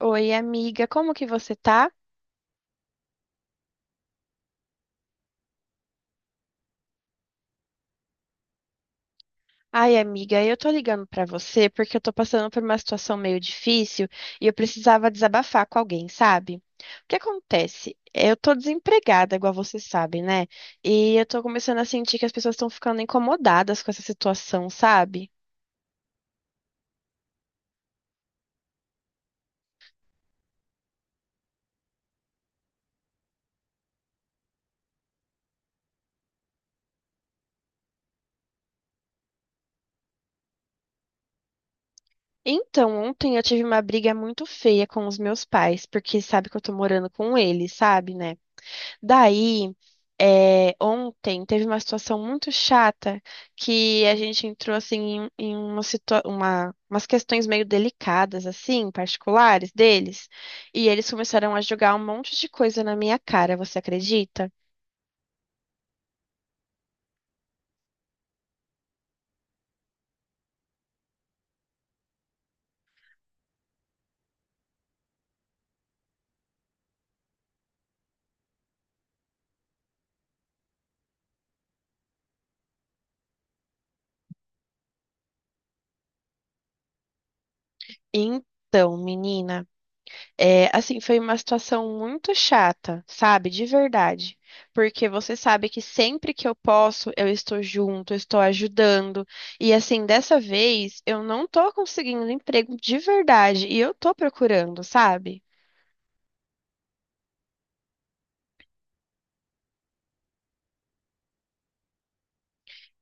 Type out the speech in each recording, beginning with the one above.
Oi, amiga, como que você tá? Ai, amiga, eu tô ligando pra você porque eu tô passando por uma situação meio difícil e eu precisava desabafar com alguém, sabe? O que acontece? Eu tô desempregada, igual você sabe, né? E eu tô começando a sentir que as pessoas estão ficando incomodadas com essa situação, sabe? Então, ontem eu tive uma briga muito feia com os meus pais, porque sabe que eu tô morando com eles, sabe, né? Daí, ontem teve uma situação muito chata que a gente entrou assim em uma umas questões meio delicadas, assim, particulares deles, e eles começaram a jogar um monte de coisa na minha cara, você acredita? Então, menina. É, assim, foi uma situação muito chata, sabe? De verdade. Porque você sabe que sempre que eu posso, eu estou junto, eu estou ajudando. E assim, dessa vez, eu não tô conseguindo emprego de verdade e eu tô procurando, sabe?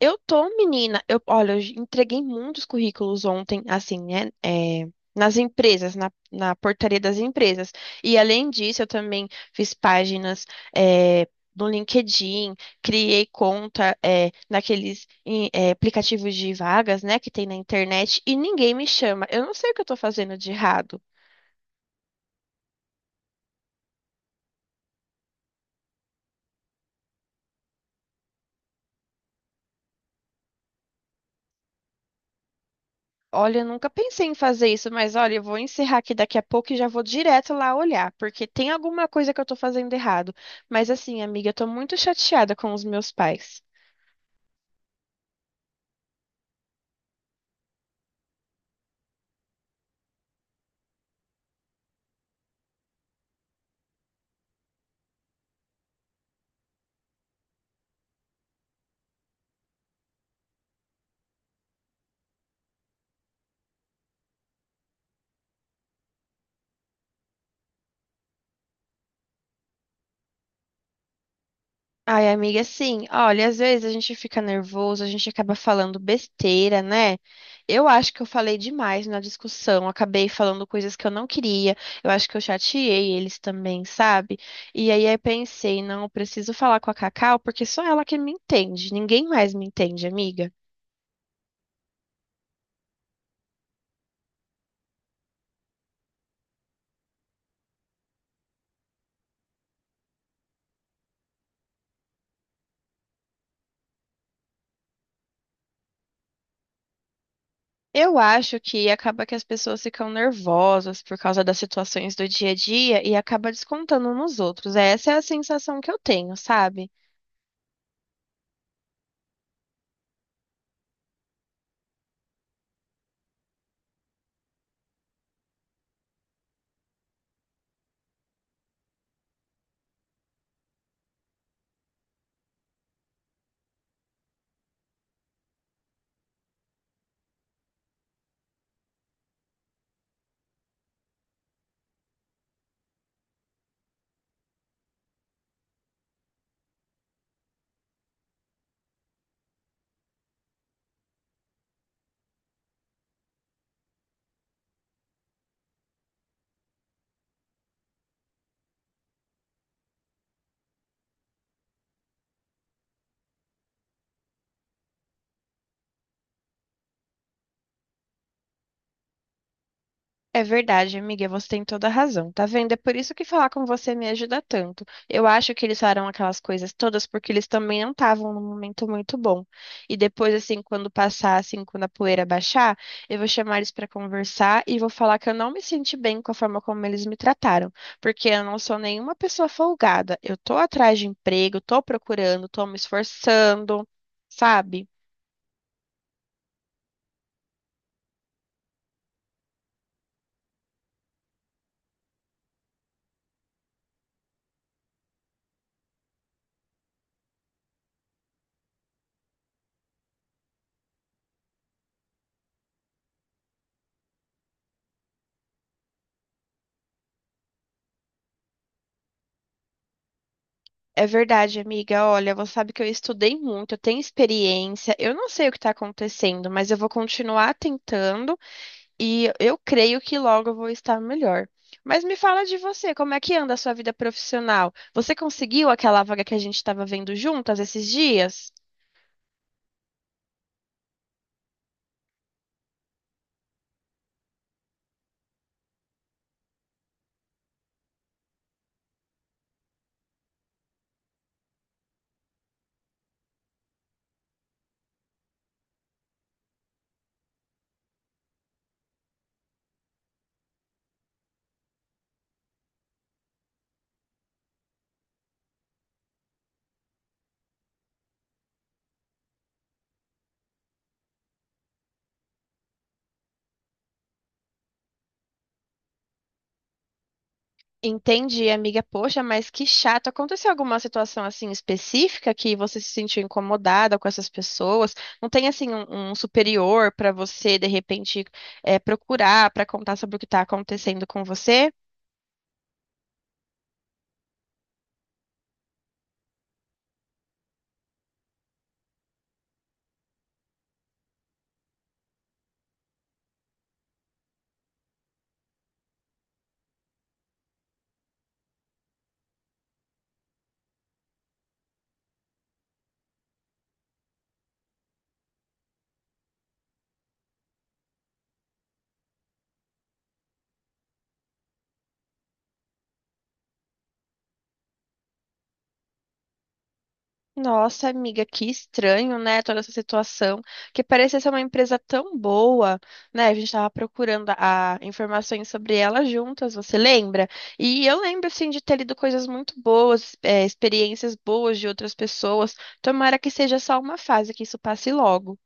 Eu tô, menina. Eu, olha, eu entreguei muitos currículos ontem, assim, né? Nas empresas, na portaria das empresas. E além disso, eu também fiz páginas, é, no LinkedIn, criei conta, naqueles aplicativos de vagas, né, que tem na internet, e ninguém me chama. Eu não sei o que eu tô fazendo de errado. Olha, eu nunca pensei em fazer isso, mas olha, eu vou encerrar aqui daqui a pouco e já vou direto lá olhar, porque tem alguma coisa que eu tô fazendo errado. Mas assim, amiga, eu tô muito chateada com os meus pais. Ai, amiga, sim, olha, às vezes a gente fica nervoso, a gente acaba falando besteira, né? Eu acho que eu falei demais na discussão, acabei falando coisas que eu não queria, eu acho que eu chateei eles também, sabe? E aí eu pensei, não, eu preciso falar com a Cacau, porque só ela que me entende, ninguém mais me entende, amiga. Eu acho que acaba que as pessoas ficam nervosas por causa das situações do dia a dia e acaba descontando nos outros. Essa é a sensação que eu tenho, sabe? É verdade, amiga, você tem toda a razão, tá vendo? É por isso que falar com você me ajuda tanto. Eu acho que eles falaram aquelas coisas todas porque eles também não estavam num momento muito bom. E depois, assim, quando passar, assim, quando a poeira baixar, eu vou chamar eles pra conversar e vou falar que eu não me senti bem com a forma como eles me trataram, porque eu não sou nenhuma pessoa folgada. Eu tô atrás de emprego, tô procurando, tô me esforçando, sabe? É verdade, amiga. Olha, você sabe que eu estudei muito, eu tenho experiência. Eu não sei o que está acontecendo, mas eu vou continuar tentando e eu creio que logo eu vou estar melhor. Mas me fala de você, como é que anda a sua vida profissional? Você conseguiu aquela vaga que a gente estava vendo juntas esses dias? Entendi, amiga. Poxa, mas que chato. Aconteceu alguma situação assim específica que você se sentiu incomodada com essas pessoas? Não tem assim um superior para você de repente procurar para contar sobre o que está acontecendo com você? Nossa, amiga, que estranho, né? Toda essa situação, que parecia ser uma empresa tão boa, né? A gente estava procurando informações sobre ela juntas, você lembra? E eu lembro, assim, de ter lido coisas muito boas, experiências boas de outras pessoas. Tomara que seja só uma fase, que isso passe logo.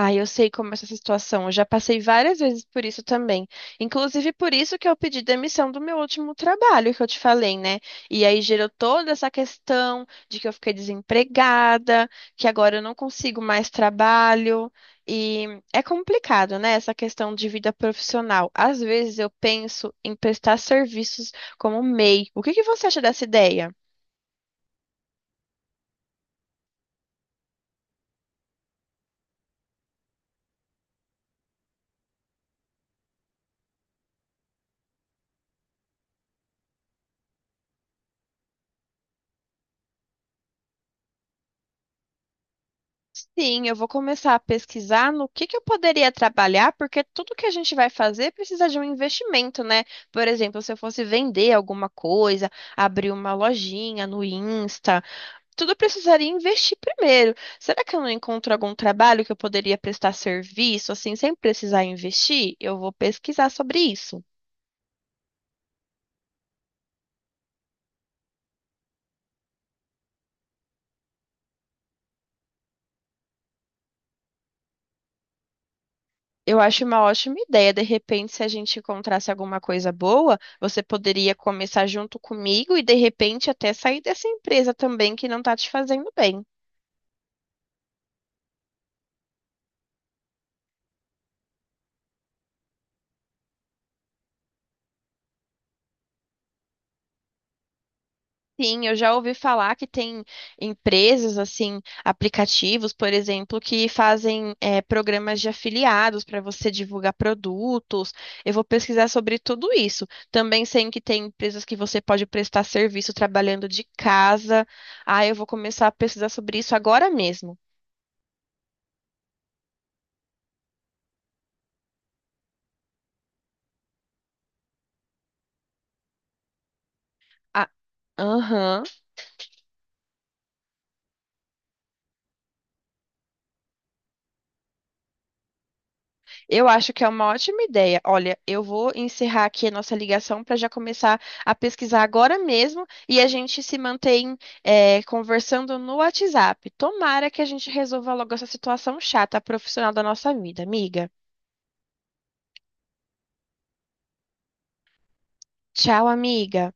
Ah, eu sei como é essa situação. Eu já passei várias vezes por isso também. Inclusive por isso que eu pedi demissão do meu último trabalho, que eu te falei, né? E aí gerou toda essa questão de que eu fiquei desempregada, que agora eu não consigo mais trabalho. E é complicado, né? Essa questão de vida profissional. Às vezes eu penso em prestar serviços como MEI. O que que você acha dessa ideia? Sim, eu vou começar a pesquisar no que eu poderia trabalhar, porque tudo que a gente vai fazer precisa de um investimento, né? Por exemplo, se eu fosse vender alguma coisa, abrir uma lojinha no Insta, tudo eu precisaria investir primeiro. Será que eu não encontro algum trabalho que eu poderia prestar serviço assim sem precisar investir? Eu vou pesquisar sobre isso. Eu acho uma ótima ideia. De repente, se a gente encontrasse alguma coisa boa, você poderia começar junto comigo e de repente até sair dessa empresa também que não está te fazendo bem. Sim, eu já ouvi falar que tem empresas, assim, aplicativos, por exemplo, que fazem programas de afiliados para você divulgar produtos. Eu vou pesquisar sobre tudo isso. Também sei que tem empresas que você pode prestar serviço trabalhando de casa. Ah, eu vou começar a pesquisar sobre isso agora mesmo. Ah, aham. Eu acho que é uma ótima ideia. Olha, eu vou encerrar aqui a nossa ligação para já começar a pesquisar agora mesmo e a gente se mantém conversando no WhatsApp. Tomara que a gente resolva logo essa situação chata profissional da nossa vida, amiga. Tchau, amiga.